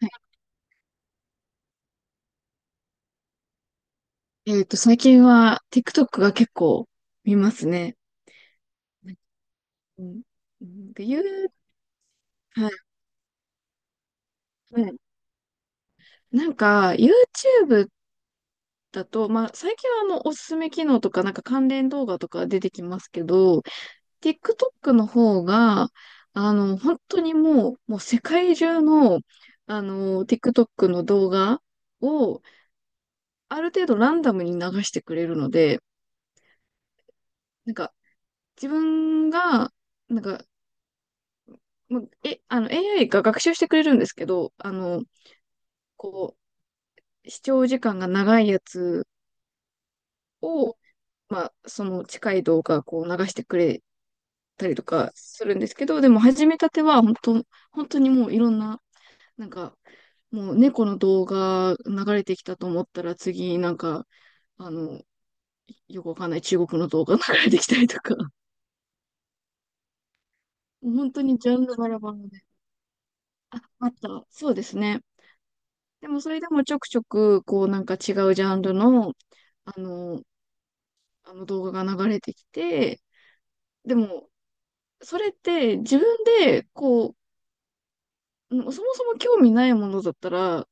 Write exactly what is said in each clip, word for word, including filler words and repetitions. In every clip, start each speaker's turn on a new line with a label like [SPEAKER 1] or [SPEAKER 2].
[SPEAKER 1] はい。えっと、最近は TikTok が結構見ますね。うん。うんで、ゆう、はい。はいなんか、YouTube だと、まあ、最近はあの、おすすめ機能とか、なんか関連動画とか出てきますけど、TikTok の方が、あの、本当にもう、もう世界中の、あの、TikTok の動画を、ある程度ランダムに流してくれるので、なんか、自分が、なんか、もう、え、あの、エーアイ が学習してくれるんですけど、あの、こう、視聴時間が長いやつを、まあ、その近い動画、こう、流してくれたりとかするんですけど、でも、始めたては、本当本当にもういろんな、なんか、もう猫の動画流れてきたと思ったら、次、なんか、あの、よくわかんない中国の動画流れてきたりとか、もう本当にジャンルバラバラで。あ、あった。そうですね。でも、それでもちょくちょく、こう、なんか違うジャンルの、あの、あの動画が流れてきて、でも、それって自分で、こう、うんそもそも興味ないものだったら、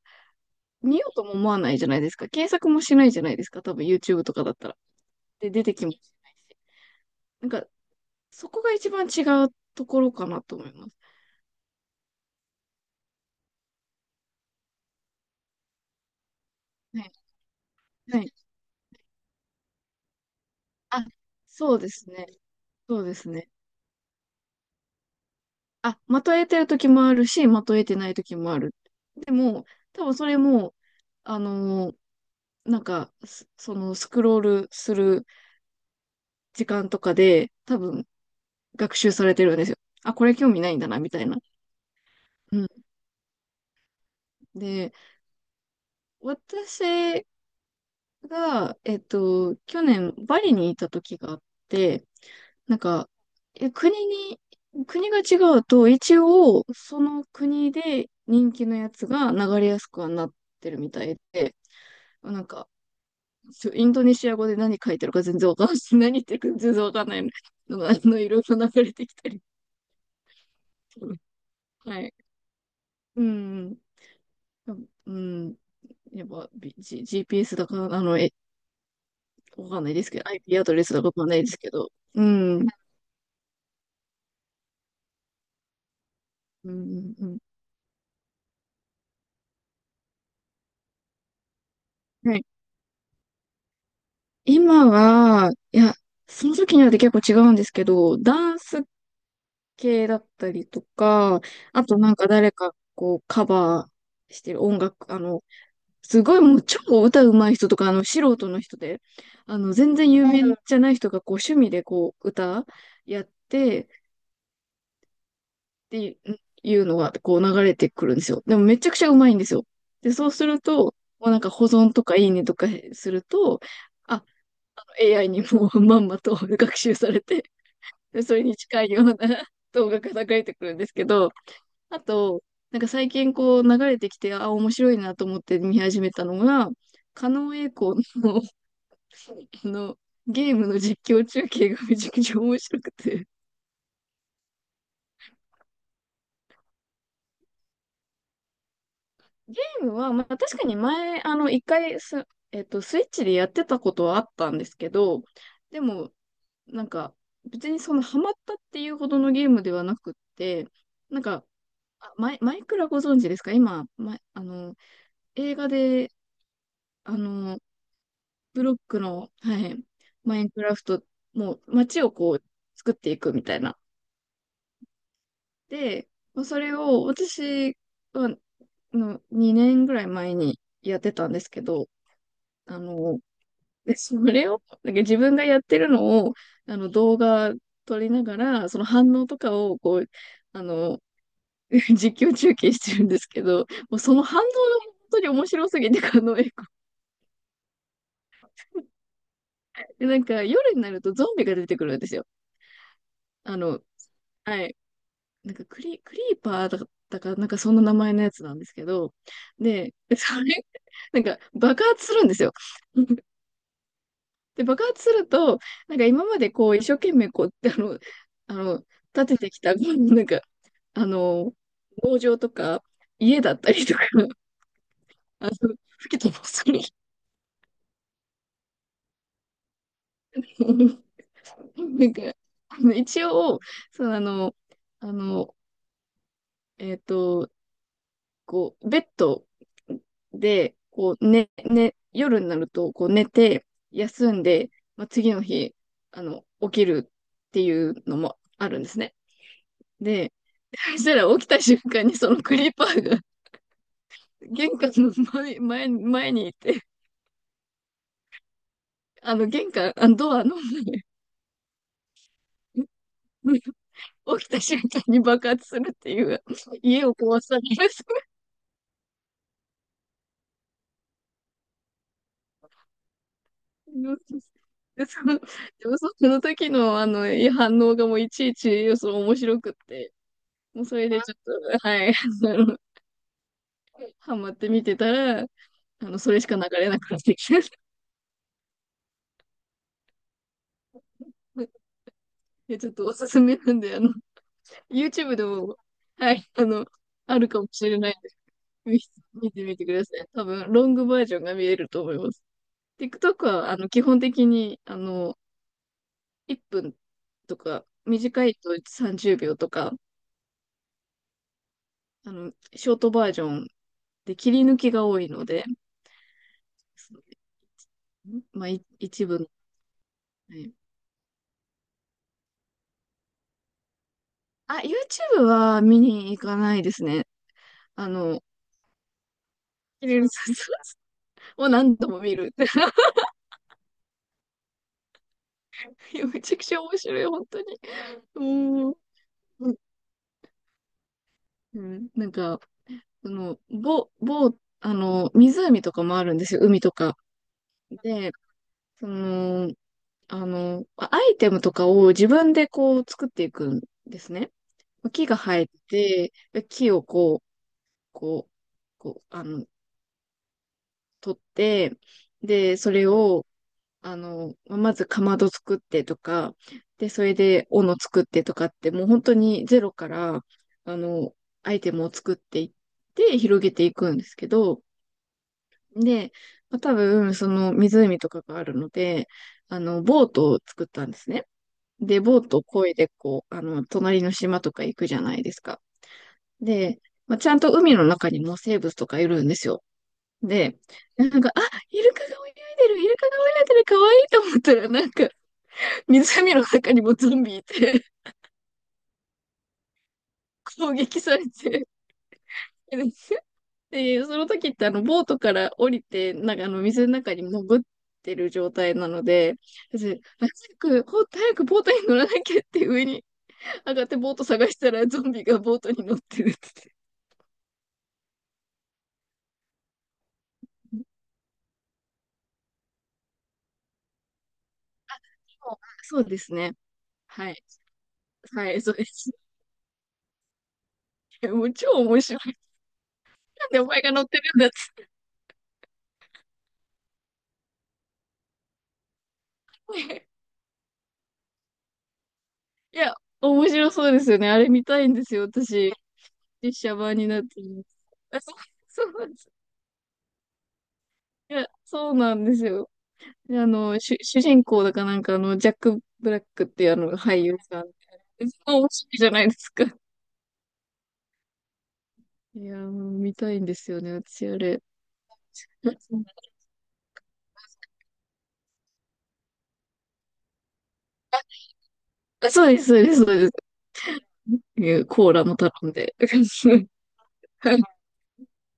[SPEAKER 1] 見ようとも思わないじゃないですか。検索もしないじゃないですか。多分 YouTube とかだったら。で、出てきもしないし。なんか、そこが一番違うところかなと思います。はい。はい。あ、そうですね。そうですね。あ、まとえてる時もあるし、まとえてない時もある。でも、多分それも、あのーなんか、すそのスクロールする時間とかで多分学習されてるんですよ。あ、これ興味ないんだな、みたいな。うん。で、私が、えっと、去年バリにいた時があって、なんか、え、国に、国が違うと、一応、その国で人気のやつが流れやすくはなってるみたいで、なんか、ちょインドネシア語で何書いてるか全然わかんない。何言ってるか全然わかんないのが、あの、いろいろ流れてきたり。はい。うん。うん。やっぱ、ビ G、ジーピーエス だか、あの、え、わかんないですけど、アイピー アドレスだかわかんないですけど。うん。うん、うん、うん。はい。今は、いや、その時によって結構違うんですけど、ダンス系だったりとか、あとなんか誰かこうカバーしてる音楽、あの、すごいもう超歌うまい人とか、あの、素人の人で、あの、全然有名じゃない人がこう趣味でこう歌やって、っていうのがこう流れてくるんですよ。でもめちゃくちゃうまいんですよ。で、そうすると、もうなんか保存とかいいねとかすると、あ、あの エーアイ にもうまんまと学習されて、で、それに近いような 動画が流れてくるんですけど、あと、なんか最近こう流れてきて、あ、面白いなと思って見始めたのが、狩野英孝の あの、ゲームの実況中継がめちゃくちゃ面白くて、ゲームは、まあ、確かに前、あの、一回す、えっと、スイッチでやってたことはあったんですけど、でも、なんか、別にそのハマったっていうほどのゲームではなくって、なんか、あマイ、マイクラご存知ですか今、ま、あの、映画で、あの、ブロックの、はい、マインクラフト、もう街をこう、作っていくみたいな。で、まあそれを私は、の、にねんぐらい前にやってたんですけど、あの、で、それを、なんか自分がやってるのを、あの、動画撮りながら、その反応とかを、こう、あの、実況中継してるんですけど、もうその反応が本当に面白すぎて、あの、え、これで、なんか夜になるとゾンビが出てくるんですよ。あの、はい。なんかクリ、クリーパーだったか、なんかそんな名前のやつなんですけど、で、それ、なんか爆発するんですよ。で、爆発すると、なんか今までこう、一生懸命こう、あの、あの、建ててきた、なんか、あの、農場とか、家だったりとか、あの、吹き飛ばされる。なんか、あの一応、そのあの、あの、えっと、こう、ベッドで、こう、ね、ね、夜になると、こう、寝て、休んで、まあ、次の日、あの、起きるっていうのもあるんですね。でそしたら起きた瞬間にそのクリーパーが玄関の前、前、前にいて、あの玄関、あのドアの 起きた瞬間に爆発するっていう、家を壊される。で、その、でもその時のあの反応がもういちいち、その面白くって、もうそれでちょっと、はい、あの、ハマって見てたら、あの、それしか流れなくなってきて、でちょっとおすすめなんで、あの、YouTube でも、はい、あの、あるかもしれない。見見てみてください。多分、ロングバージョンが見えると思います。TikTok は、あの、基本的に、あの、いっぷんとか、短いとさんじゅうびょうとか、あの、ショートバージョンで切り抜きが多いので、そうまあ、い一部の、はい。あ、YouTube は見に行かないですね。あの、切り抜き を何度も見る。いやめちゃくちゃ面白い、本当に。うん。うん。なんか、その、ぼ、ぼ、あの、湖とかもあるんですよ、海とか。で、その、あの、アイテムとかを自分でこう作っていくんですね。木が生えてて、木をこう、こう、こう、あの、取って、で、それを、あの、まずかまど作ってとか、で、それで斧作ってとかって、もう本当にゼロから、あの、アイテムを作っていって、広げていくんですけど、で、まあ、多分、その湖とかがあるので、あの、ボートを作ったんですね。で、ボートを漕いで、こう、あの、隣の島とか行くじゃないですか。で、まあ、ちゃんと海の中にも生物とかいるんですよ。で、なんか、あ、イルカが泳いでる、イルカが泳いでる、かわいいと思ったら、なんか、湖の中にもゾンビいて、攻撃されて、で、その時ってあの、ボートから降りて、なんかあの、水の中に潜ってる状態なので、私、早く、ほんと早くボートに乗らなきゃって上に上がってボート探したらゾンビがボートに乗ってるって言って。そうそうですね。はい。はい、そうです。いやもう超面白い。なんでお前が乗ってるんだっつって。いや、面白そうですよね。あれ見たいんですよ、私。実写版になってる。あそう、そうなんです。いや、そうなんですよ。であの、主、主人公だかなんかあの、ジャック・ブラックっていうあの、俳優さん。すごい面白いじゃないですか。いやー、もう見たいんですよね、私あれ。あ、そうです、そうです、そうです。いやコーラも頼んで。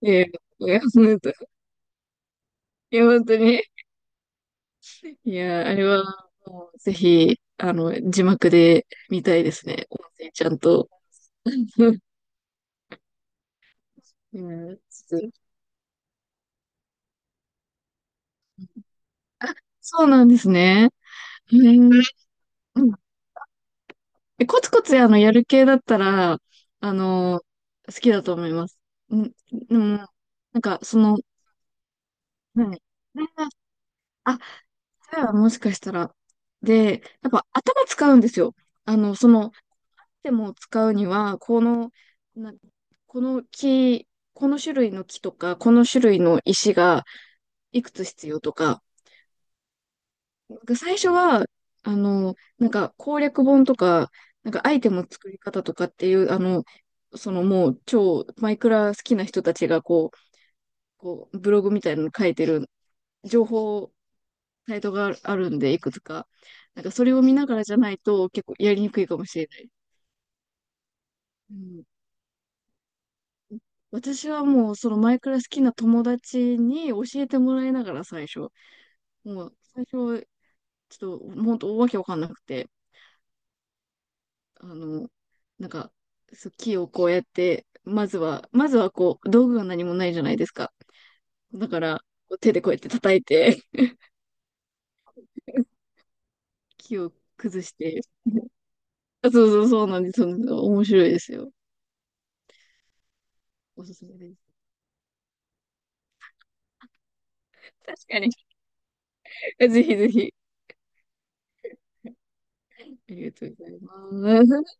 [SPEAKER 1] いや、いや、本当いや、本当に。いや、あれは、もう、ぜひ、あの、字幕で見たいですね。音声ちゃんと。うん、いやちょっと そうなんですね。うん。え、コツコツあの、やる系だったら、あの、好きだと思います。うん、でも、なんか、その、はいあ、それはもしかしたら。で、やっぱ頭使うんですよ。あの、その、でも使うには、この、な、この木、この種類の木とか、この種類の石がいくつ必要とか、僕最初は、あの、なんか攻略本とか、なんかアイテムの作り方とかっていう、あの、そのもう超マイクラ好きな人たちがこう、こうブログみたいなの書いてる情報サイトがあるあるんで、いくつか。なんかそれを見ながらじゃないと結構やりにくいかもしれない。うん、私はもうそのマイクラ好きな友達に教えてもらいながら最初、もう最初ちょっと本当わけわかんなくて、あの、なんか、そう、木をこうやって、まずは、まずはこう、道具が何もないじゃないですか。だから、こう手でこうやって叩いて、木を崩して。あそうそうそうなんです。そうなんです。面白いですよ。おすすめです。確かに。ぜひぜひ。ありがとうございます。